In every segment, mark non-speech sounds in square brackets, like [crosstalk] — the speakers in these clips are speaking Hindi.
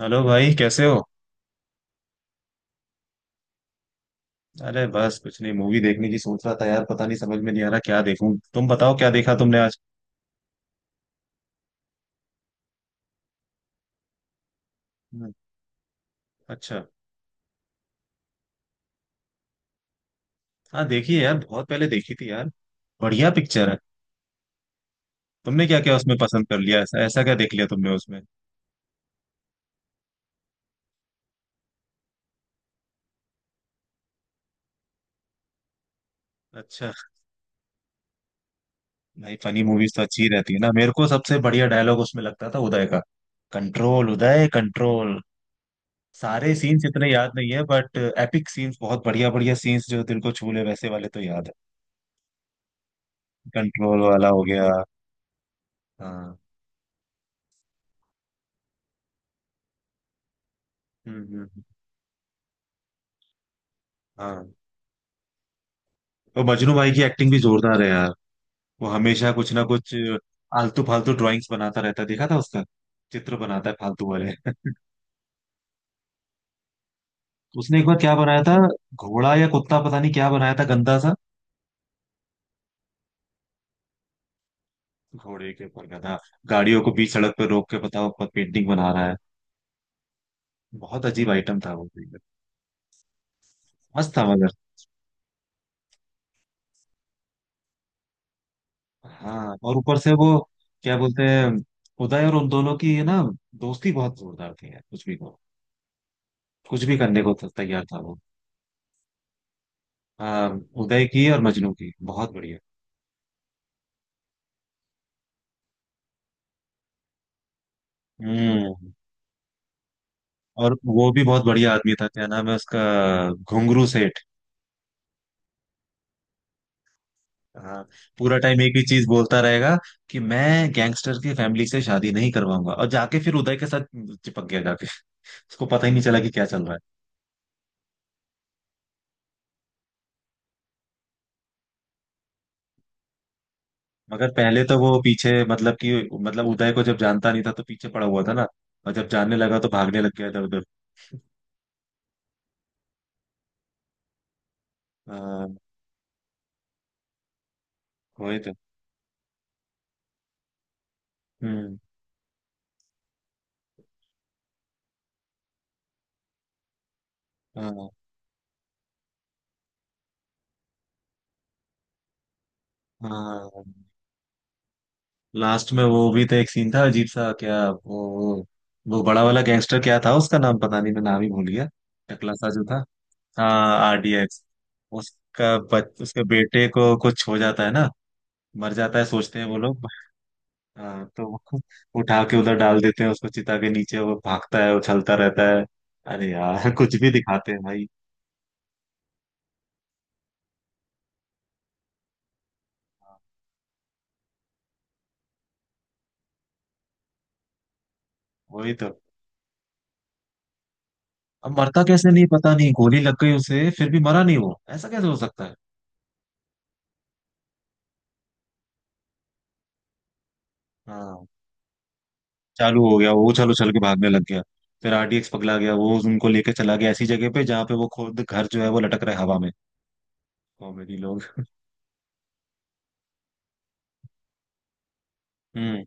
हेलो भाई, कैसे हो। अरे बस कुछ नहीं, मूवी देखने की सोच रहा था यार। पता नहीं, समझ में नहीं आ रहा क्या देखूं। तुम बताओ, क्या देखा तुमने आज। हम्म। अच्छा। हाँ देखी है यार, बहुत पहले देखी थी यार। बढ़िया पिक्चर है। तुमने क्या क्या उसमें पसंद कर लिया, ऐसा ऐसा क्या देख लिया तुमने उसमें। अच्छा। नहीं, फनी मूवीज तो अच्छी ही रहती है ना। मेरे को सबसे बढ़िया डायलॉग उसमें लगता था उदय का। Control Uday control. सारे सीन्स इतने याद नहीं है बट एपिक सीन्स, बहुत बढ़िया बढ़िया सीन्स जो दिल को छू ले वैसे वाले तो याद है। कंट्रोल वाला हो गया। हाँ। हम्म। हाँ। और मजनू भाई की एक्टिंग भी जोरदार है यार। वो हमेशा कुछ ना कुछ आलतू फालतू ड्राइंग्स बनाता रहता है, देखा था उसका। चित्र बनाता है फालतू वाले। [laughs] उसने एक बार क्या बनाया था। घोड़ा या कुत्ता पता नहीं क्या बनाया था, गंदा सा। घोड़े के ऊपर गधा। गाड़ियों को बीच सड़क पे रोक के, पता ऊपर पेंटिंग बना रहा है। बहुत अजीब आइटम था वो भी। मस्त था मगर। हाँ, और ऊपर से वो क्या बोलते हैं, उदय और उन दोनों की ना दोस्ती बहुत जोरदार थी यार, कुछ भी कहो, कुछ भी करने को तैयार था वो। हाँ, उदय की और मजनू की बहुत बढ़िया। हम्म। और वो भी बहुत बढ़िया आदमी था, क्या नाम है उसका, घुंगरू सेठ। हाँ। पूरा टाइम एक ही चीज बोलता रहेगा कि मैं गैंगस्टर की फैमिली से शादी नहीं करवाऊंगा, और जाके फिर उदय के साथ चिपक गया जाके। उसको पता ही नहीं चला कि क्या चल रहा है। मगर पहले तो वो पीछे मतलब कि मतलब उदय को जब जानता नहीं था तो पीछे पड़ा हुआ था ना। और जब जानने लगा तो भागने लग गया इधर उधर। हाँ, वही तो। हम्म। हाँ हाँ। लास्ट में वो भी तो एक सीन था, अजीब सा। क्या वो वो बड़ा वाला गैंगस्टर क्या था उसका नाम, पता नहीं, मैं नाम ही भूल गया। टकला सा जो था। हाँ, आरडीएक्स। उसके बेटे को कुछ हो जाता है ना। मर जाता है सोचते हैं वो लोग। हाँ तो वो [laughs] उठा के उधर डाल देते हैं उसको चिता के नीचे, वो भागता है उछलता रहता है। अरे यार, [laughs] कुछ भी दिखाते हैं भाई। वही तो। अब मरता कैसे नहीं, पता नहीं। गोली लग गई उसे फिर भी मरा नहीं वो, ऐसा कैसे हो सकता है। हाँ। चालू हो गया वो, चालू चल के भागने लग गया। फिर आरडीएक्स पगला गया, वो उनको लेके चला गया ऐसी जगह पे जहाँ पे वो खुद, घर जो है वो लटक रहा है हवा में। कॉमेडी लोग। हम्म।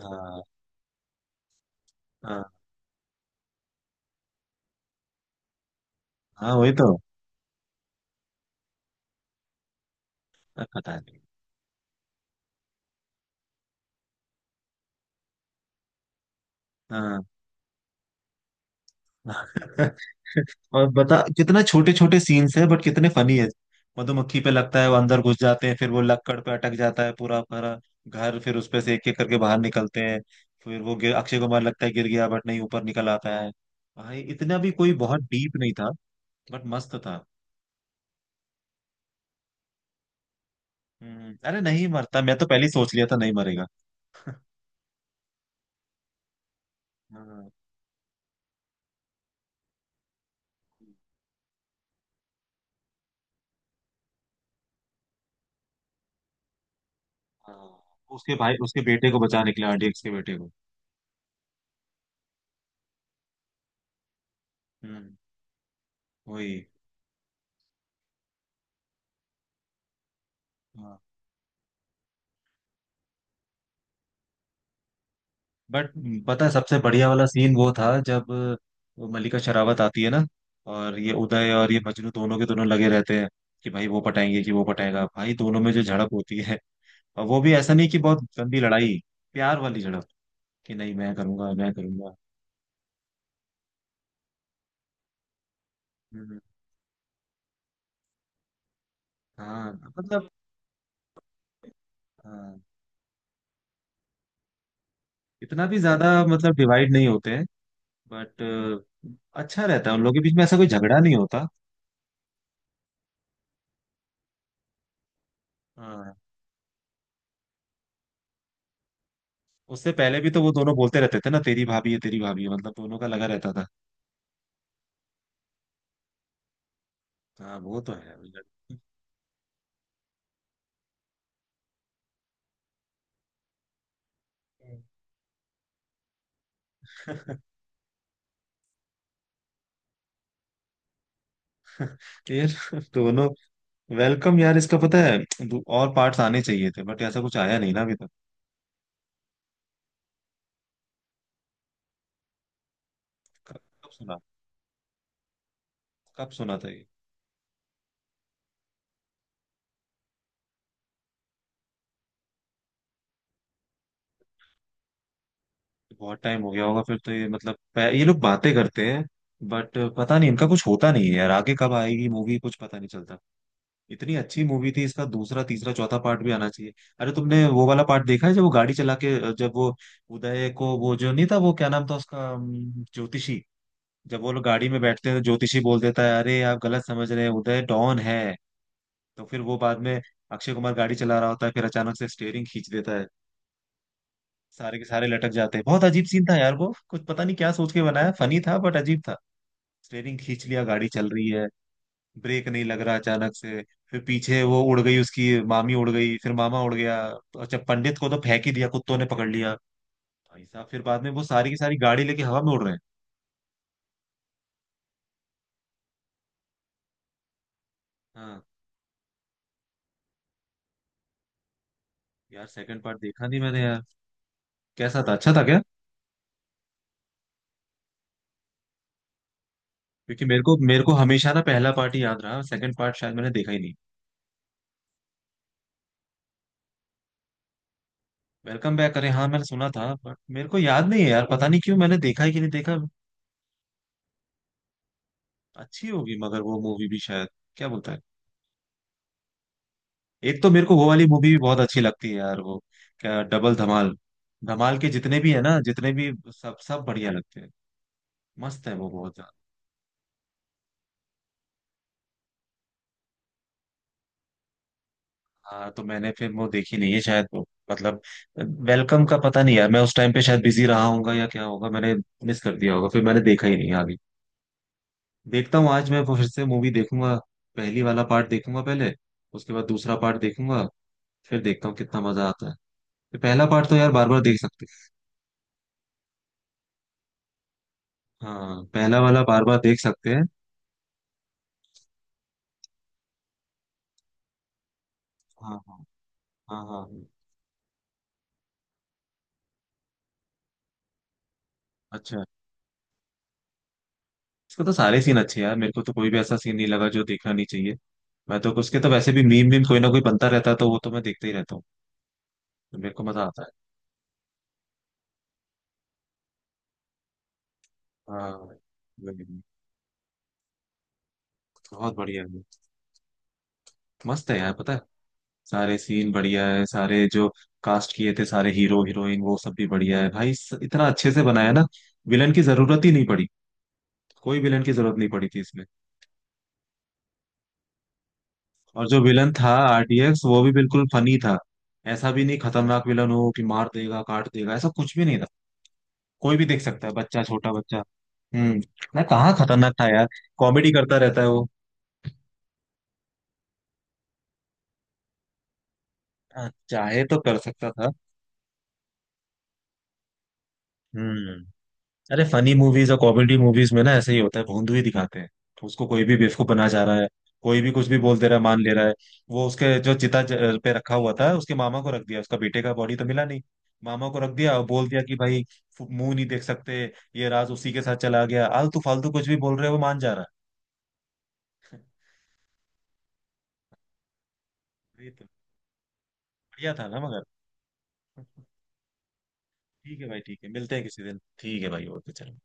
हाँ हाँ हाँ। वही तो। पता नहीं। हाँ। [laughs] और बता, कितना छोटे छोटे सीन्स है बट कितने फनी है। मधुमक्खी पे लगता है, वो अंदर घुस जाते हैं, फिर वो लक्कड़ पे अटक जाता है पूरा भरा घर, फिर उसपे से एक एक करके बाहर निकलते हैं। फिर अक्षय कुमार लगता है गिर गया बट नहीं, ऊपर निकल आता है। भाई इतना भी कोई बहुत डीप नहीं था। बट मस्त था। हम्म। अरे नहीं मरता, मैं तो पहले ही सोच लिया था नहीं मरेगा। हाँ। हाँ, उसके भाई उसके बेटे को बचाने के लिए, आरडीएक्स के बेटे को। हम्म। वही। हाँ। बट पता है सबसे बढ़िया वाला सीन वो था जब वो मल्लिका शरावत आती है ना, और ये उदय और ये मजनू दोनों के दोनों लगे रहते हैं कि भाई वो पटाएंगे कि वो पटाएगा भाई, दोनों में जो झड़प होती है। और वो भी ऐसा नहीं कि बहुत गंदी लड़ाई। प्यार वाली झड़प। कि नहीं मैं करूंगा, मैं करूंगा। हम्म। हाँ मतलब। हाँ। इतना भी ज्यादा मतलब डिवाइड नहीं होते हैं। बट अच्छा रहता है उन लोगों के बीच में, ऐसा कोई झगड़ा नहीं होता। हाँ। उससे पहले भी तो वो दोनों बोलते रहते थे ना, तेरी भाभी है तेरी भाभी है, मतलब दोनों का लगा रहता था। हाँ, वो तो है। [laughs] यार दोनों। वेलकम यार, इसका पता है। और पार्ट्स आने चाहिए थे बट ऐसा कुछ आया नहीं ना अभी तक। कब। कब सुना। कब सुना था ये। बहुत टाइम हो गया होगा फिर तो, ये मतलब ये लोग बातें करते हैं बट पता नहीं इनका कुछ होता नहीं है यार, आगे कब आएगी मूवी कुछ पता नहीं चलता। इतनी अच्छी मूवी थी, इसका दूसरा तीसरा चौथा पार्ट भी आना चाहिए। अरे तुमने वो वाला पार्ट देखा है जब वो गाड़ी चला के, जब वो उदय को, वो जो नहीं था वो, क्या नाम था उसका ज्योतिषी। जब वो लोग गाड़ी में बैठते हैं तो ज्योतिषी बोल देता है, अरे आप गलत समझ रहे हैं, उदय डॉन है। तो फिर वो बाद में अक्षय कुमार गाड़ी चला रहा होता है, फिर अचानक से स्टेयरिंग खींच देता है। सारे के सारे लटक जाते हैं, बहुत अजीब सीन था यार वो, कुछ पता नहीं क्या सोच के बनाया। फनी था बट अजीब था। स्टेयरिंग खींच लिया, गाड़ी चल रही है। ब्रेक नहीं लग रहा अचानक से। फिर पीछे वो उड़ गई, उसकी मामी उड़ गई, फिर मामा उड़ गया। तो अच्छा, पंडित को तो फेंक ही दिया, कुत्तों ने पकड़ लिया। भाई साहब, फिर बाद में वो सारी की सारी गाड़ी लेके हवा में उड़ रहे हैं। हाँ। यार सेकंड पार्ट देखा नहीं मैंने यार। कैसा था, अच्छा था क्या। क्योंकि मेरे को हमेशा ना पहला पार्ट ही याद रहा, सेकंड पार्ट शायद मैंने देखा ही नहीं। वेलकम बैक, अरे हाँ मैंने सुना था बट मेरे को याद नहीं है यार, पता नहीं क्यों, मैंने देखा ही कि नहीं देखा। अच्छी होगी मगर वो मूवी भी शायद। क्या बोलता है। एक तो मेरे को वो वाली मूवी भी बहुत अच्छी लगती है यार वो। क्या डबल धमाल। धमाल के जितने भी है ना, जितने भी सब सब बढ़िया लगते हैं। मस्त है वो बहुत ज्यादा। हाँ तो मैंने फिर वो देखी नहीं है शायद वो, मतलब। वेलकम का पता नहीं यार, मैं उस टाइम पे शायद बिजी रहा होगा या क्या होगा, मैंने मिस कर दिया होगा, फिर मैंने देखा ही नहीं आगे। देखता हूँ, आज मैं वो फिर से मूवी देखूंगा। पहली वाला पार्ट देखूंगा पहले। उसके बाद दूसरा पार्ट देखूंगा। फिर देखता हूँ कितना मजा आता है। तो पहला पार्ट तो यार बार बार देख सकते हैं। हाँ, पहला वाला बार बार देख सकते हैं। हाँ हाँ हाँ हाँ हाँ। अच्छा। इसको तो सारे सीन अच्छे हैं यार, मेरे को तो कोई भी ऐसा सीन नहीं लगा जो देखना नहीं चाहिए। मैं तो उसके तो वैसे भी मीम मीम कोई ना कोई बनता रहता है, तो वो तो मैं देखते ही रहता हूँ। तो मेरे को मजा आता है। हाँ वही। बहुत बढ़िया है। मस्त है यार, पता है। सारे सीन बढ़िया है, सारे जो कास्ट किए थे सारे हीरो हीरोइन वो सब भी बढ़िया है भाई, इतना अच्छे से बनाया ना। विलन की जरूरत ही नहीं पड़ी। कोई विलन की जरूरत नहीं पड़ी थी इसमें। और जो विलन था आरटीएक्स वो भी बिल्कुल फनी था। ऐसा भी नहीं खतरनाक विलन हो कि मार देगा काट देगा, ऐसा कुछ भी नहीं था। कोई भी देख सकता है, बच्चा छोटा बच्चा। हम्म। ना कहाँ खतरनाक था यार। कॉमेडी करता रहता है वो। हाँ, चाहे तो कर सकता था। हम्म। अरे फनी मूवीज और कॉमेडी मूवीज में ना ऐसे ही होता है, भोंदू ही दिखाते हैं। उसको कोई भी बेवकूफ बना जा रहा है। कोई भी कुछ भी बोल दे रहा है, मान ले रहा है। वो उसके जो चिता पे रखा हुआ था, उसके मामा को रख दिया, उसका बेटे का बॉडी तो मिला नहीं। मामा को रख दिया और बोल दिया कि भाई मुंह नहीं देख सकते। ये राज उसी के साथ चला गया, आलतू फालतू कुछ भी बोल रहे हो वो मान जा रहा है। [laughs] ये तो बढ़िया था ना। मगर ठीक है भाई, ठीक है मिलते हैं किसी दिन, ठीक है भाई, ओके चलो।